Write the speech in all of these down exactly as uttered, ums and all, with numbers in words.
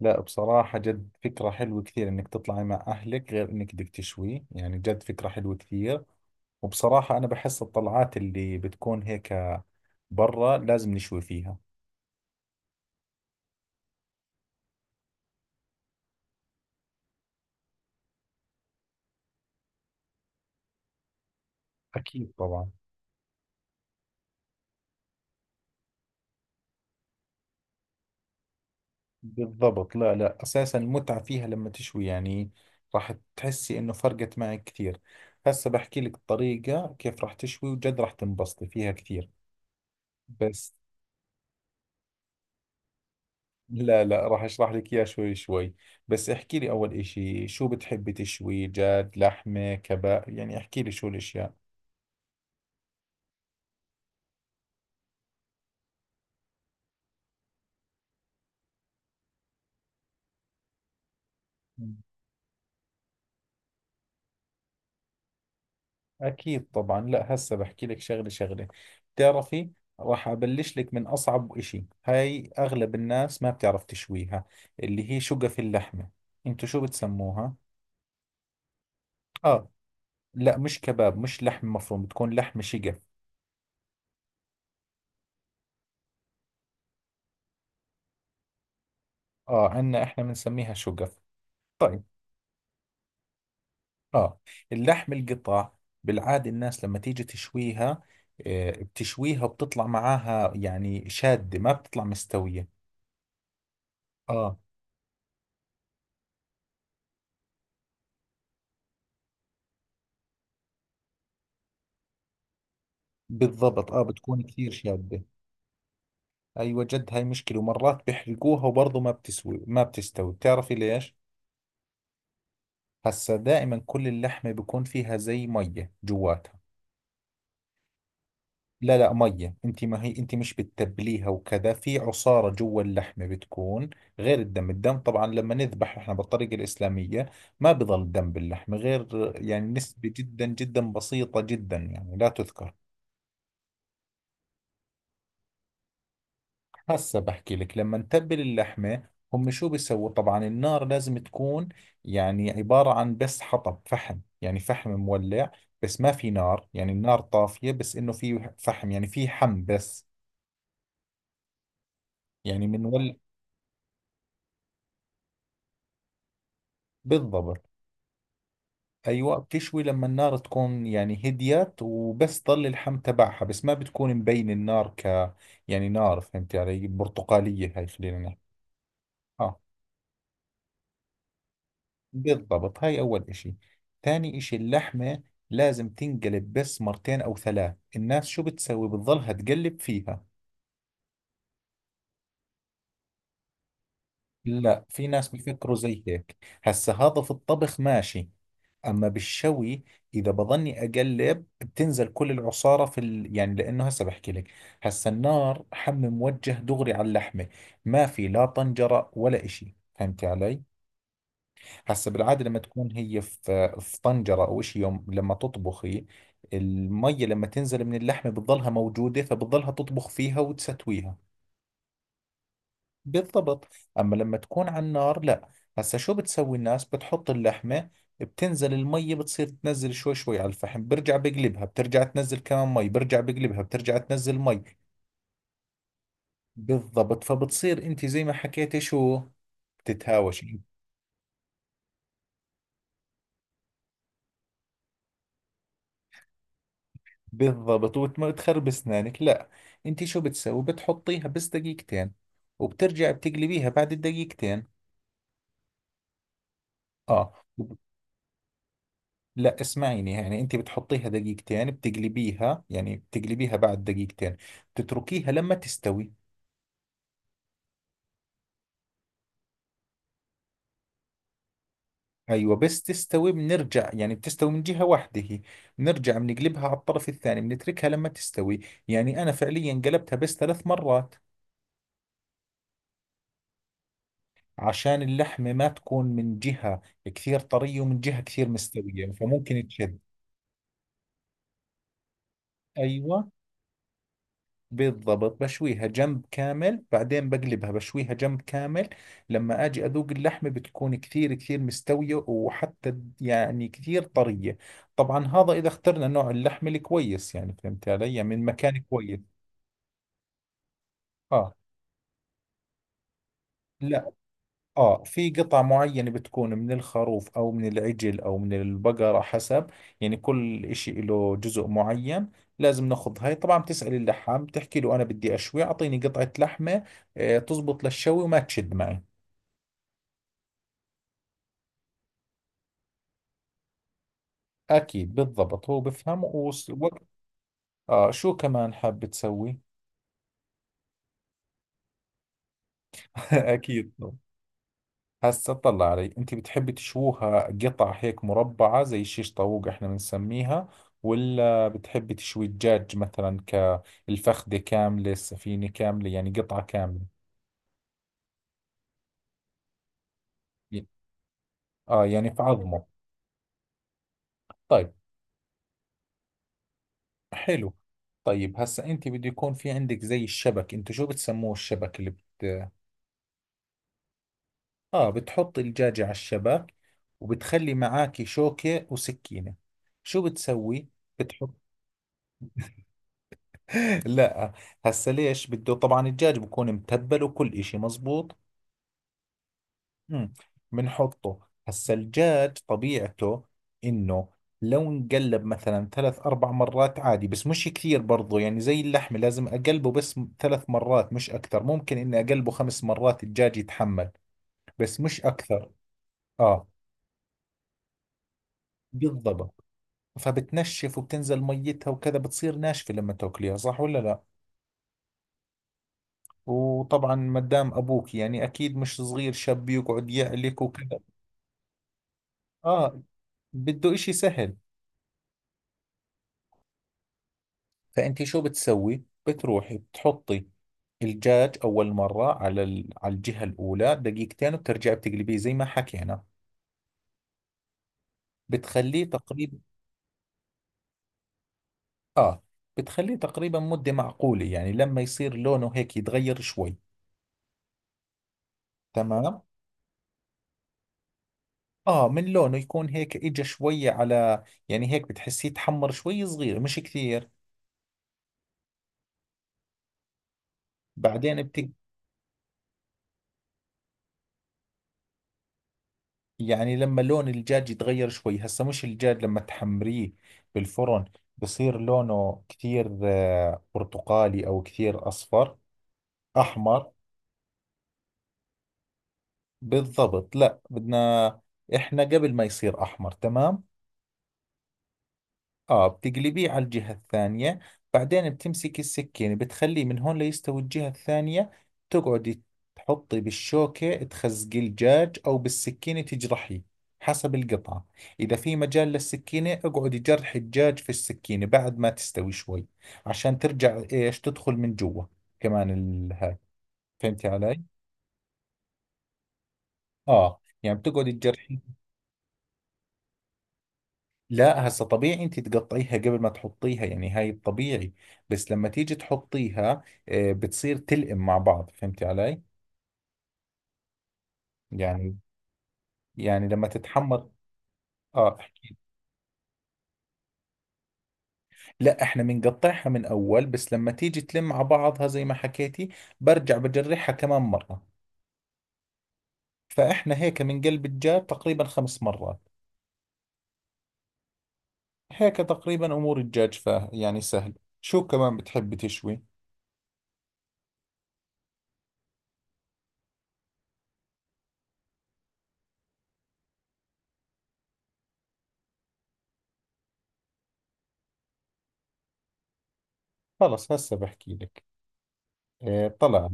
لا، بصراحة جد فكرة حلوة كثير انك تطلعي مع اهلك، غير انك بدك تشوي، يعني جد فكرة حلوة كثير. وبصراحة انا بحس الطلعات اللي بتكون هيك برا لازم نشوي فيها. اكيد طبعا. بالضبط. لا لا، اساسا المتعة فيها لما تشوي يعني. راح تحسي انه فرقت معك كثير. هسه بحكي لك الطريقة كيف راح تشوي، وجد راح تنبسطي فيها كثير. بس. لا لا، راح اشرح لك اياه شوي شوي. بس احكي لي اول اشي، شو بتحبي تشوي جاد؟ لحمة كباب؟ يعني احكي لي شو الاشياء. مم. اكيد طبعا. لا، هسه بحكي لك شغلة شغلة. بتعرفي؟ راح ابلش لك من اصعب اشي، هاي اغلب الناس ما بتعرف تشويها. اللي هي شقف اللحمة. انتو شو بتسموها؟ اه، لا مش كباب، مش لحم مفروم، بتكون لحم شقف. اه، عنا احنا بنسميها شقف. طيب. اه. اللحم القطع. بالعادة الناس لما تيجي تشويها، آه، بتشويها وبتطلع معاها يعني شادة، ما بتطلع مستوية. اه. بالضبط. اه، بتكون كثير شادة. ايوه، جد هاي مشكلة، ومرات بيحرقوها وبرضه ما بتسوي ما بتستوي. بتعرفي ليش؟ هسا دائما كل اللحمة بيكون فيها زي مية جواتها. لا لا، مية. انت ما هي انت مش بتتبليها وكذا، في عصارة جوا اللحمة بتكون. غير الدم. الدم طبعا لما نذبح احنا بالطريقة الإسلامية، ما بضل دم باللحمة، غير يعني نسبة جدا جدا بسيطة، جدا يعني لا تذكر. هسه بحكي لك لما نتبل اللحمة، هم شو بيسووا؟ طبعا النار لازم تكون يعني عبارة عن بس حطب فحم، يعني فحم مولع، بس ما في نار، يعني النار طافية، بس انه في فحم، يعني في حم بس. يعني بنولع. بالضبط. ايوه، بتشوي لما النار تكون يعني هديت وبس ضل اللحم تبعها، بس ما بتكون مبين النار ك يعني نار، فهمت علي، برتقالية، هاي خلينا نحكي. اه. بالضبط، هاي اول اشي. ثاني اشي اللحمة، لازم تنقلب بس مرتين او ثلاث. الناس شو بتسوي؟ بتضلها تقلب فيها. لا، في ناس بيفكروا زي هيك. هسا هذا في الطبخ ماشي، اما بالشوي، اذا بظني اقلب بتنزل كل العصاره في ال... يعني لانه، هسه بحكي لك. هسه النار حم موجه دغري على اللحمه، ما في لا طنجره ولا إشي، فهمتي علي؟ هسه بالعاده، لما تكون هي في في طنجره او إشي يوم لما تطبخي، المية لما تنزل من اللحمه بتضلها موجوده، فبتضلها تطبخ فيها وتستويها. بالضبط. أما لما تكون على النار لا. هسا شو بتسوي؟ الناس بتحط اللحمة، بتنزل المية بتصير تنزل شوي شوي على الفحم، برجع بقلبها، بترجع تنزل كمان مي، برجع بقلبها، بترجع تنزل مي. بالضبط، فبتصير انت زي ما حكيتي شو. بتتهاوش. بالضبط، وتخرب اسنانك، لا. انت شو بتسوي؟ بتحطيها بس دقيقتين، وبترجع بتقلبيها بعد الدقيقتين. اه. لا، اسمعيني يعني، انت بتحطيها دقيقتين بتقلبيها، يعني بتقلبيها بعد دقيقتين. بتتركيها لما تستوي. ايوه، بس تستوي بنرجع، يعني بتستوي من جهة واحدة هي، بنرجع بنقلبها على الطرف الثاني، بنتركها لما تستوي. يعني انا فعليا قلبتها بس ثلاث مرات. عشان اللحمة ما تكون من جهة كثير طرية ومن جهة كثير مستوية، فممكن تشد. ايوه. بالضبط، بشويها جنب كامل، بعدين بقلبها بشويها جنب كامل. لما اجي اذوق اللحمة بتكون كثير كثير مستوية، وحتى يعني كثير طرية. طبعا هذا اذا اخترنا نوع اللحم الكويس، يعني فهمت علي، يعني من مكان كويس. اه. لا. اه، في قطع معينة بتكون من الخروف او من العجل او من البقرة، حسب. يعني كل اشي له جزء معين. لازم ناخذ هاي، طبعا بتسأل اللحام بتحكي له انا بدي اشوي، اعطيني قطعة لحمة، آه، تزبط للشوي وما تشد معي. اكيد بالضبط، هو بفهم ووقت. اه، شو كمان حاب تسوي؟ اكيد. هسه اطلع علي، انت بتحبي تشووها قطع هيك مربعة زي شيش طاووق احنا بنسميها، ولا بتحبي تشوي الدجاج مثلا؟ كالفخدة كاملة، السفينة كاملة، يعني قطعة كاملة. ي- اه، يعني في عظمه. طيب. حلو. طيب هسه، انت بده يكون في عندك زي الشبك، انتو شو بتسموه؟ الشبك اللي بت اه، بتحط الدجاجة على الشبك، وبتخلي معاكي شوكة وسكينة. شو بتسوي؟ لا. هسه ليش بده؟ طبعا الدجاج بكون متبل وكل إشي مزبوط. امم بنحطه. هسه الدجاج طبيعته، إنه لو نقلب مثلا ثلاث أربع مرات عادي، بس مش كثير برضو، يعني زي اللحمة لازم أقلبه بس م- ثلاث مرات، مش أكثر. ممكن إني أقلبه خمس مرات، الدجاج يتحمل، بس مش أكثر. آه. بالضبط، فبتنشف وبتنزل ميتها وكذا بتصير ناشفة لما تاكليها، صح ولا لا؟ وطبعا مدام ابوك يعني اكيد مش صغير شاب يقعد يعلك وكذا. اه. بده اشي سهل. فانت شو بتسوي؟ بتروحي بتحطي الدجاج اول مرة على ال... على الجهة الاولى دقيقتين، وبترجعي بتقلبيه زي ما حكينا. بتخليه تقريبا. اه. بتخليه تقريبا مدة معقولة، يعني لما يصير لونه هيك يتغير شوي. تمام. اه، من لونه يكون هيك، اجى شوية على يعني هيك بتحسيه تحمر شوي صغير، مش كثير. بعدين بت... يعني لما لون الدجاج يتغير شوي، هسه مش الدجاج لما تحمريه بالفرن بصير لونه كثير آه، برتقالي او كثير اصفر. احمر. بالضبط، لا بدنا احنا قبل ما يصير احمر، تمام. اه، بتقلبيه على الجهة الثانية، بعدين بتمسكي السكينة بتخليه من هون ليستوي الجهة الثانية، تقعدي تحطي بالشوكة تخزقي الدجاج، أو بالسكينة تجرحيه، حسب القطعة. إذا في مجال للسكينة، اقعدي جرحي الدجاج في السكينة بعد ما تستوي شوي، عشان ترجع إيش تدخل من جوا، كمان ال- هاي. فهمتي علي؟ اه، يعني بتقعدي تجرحيه. لا، هسه طبيعي انت تقطعيها قبل ما تحطيها، يعني هاي الطبيعي. بس لما تيجي تحطيها، آه، بتصير تلئم مع بعض، فهمتي علي؟ يعني. يعني لما تتحمر، اه، لا احنا بنقطعها من اول، بس لما تيجي تلم مع بعضها زي ما حكيتي، برجع بجرحها كمان مرة. فاحنا هيك من قلب الدجاج تقريبا خمس مرات. هيك تقريبا امور الدجاج، فا يعني سهل. شو كمان بتحبي تشوي؟ خلص هسه بحكي لك. آه، طلع.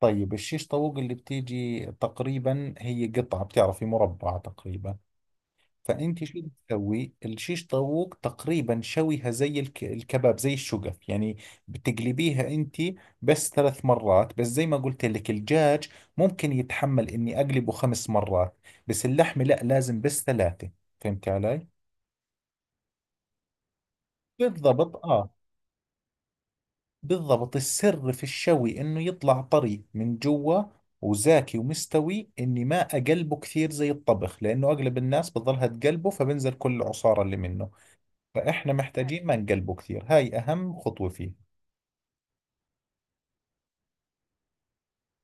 طيب، الشيش طاووق اللي بتيجي تقريبا هي قطعة، بتعرفي، مربعة تقريبا. فأنت شو بتسوي؟ الشيش طاووق تقريبا شويها زي الك... الكباب، زي الشقف يعني. بتقلبيها أنت بس ثلاث مرات، بس زي ما قلت لك الدجاج ممكن يتحمل إني أقلبه خمس مرات. بس اللحمة لا، لازم بس ثلاثة. فهمتي علي؟ بالضبط آه. بالضبط، السر في الشوي انه يطلع طري من جوا، وزاكي ومستوي، اني ما اقلبه كثير زي الطبخ، لانه اغلب الناس بتظلها تقلبه فبنزل كل العصارة اللي منه. فاحنا محتاجين ما نقلبه كثير، هاي اهم خطوة فيه.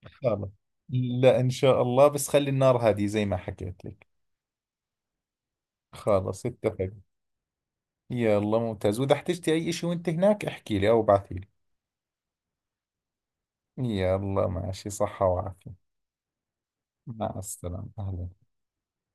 خلاص. لا، ان شاء الله، بس خلي النار هادية زي ما حكيت لك. خلاص، اتفق. يلا ممتاز، واذا احتجتي اي اشي وانت هناك احكي لي او ابعثي لي. يلا ماشي، صحة وعافية. مع السلامة، اهلا.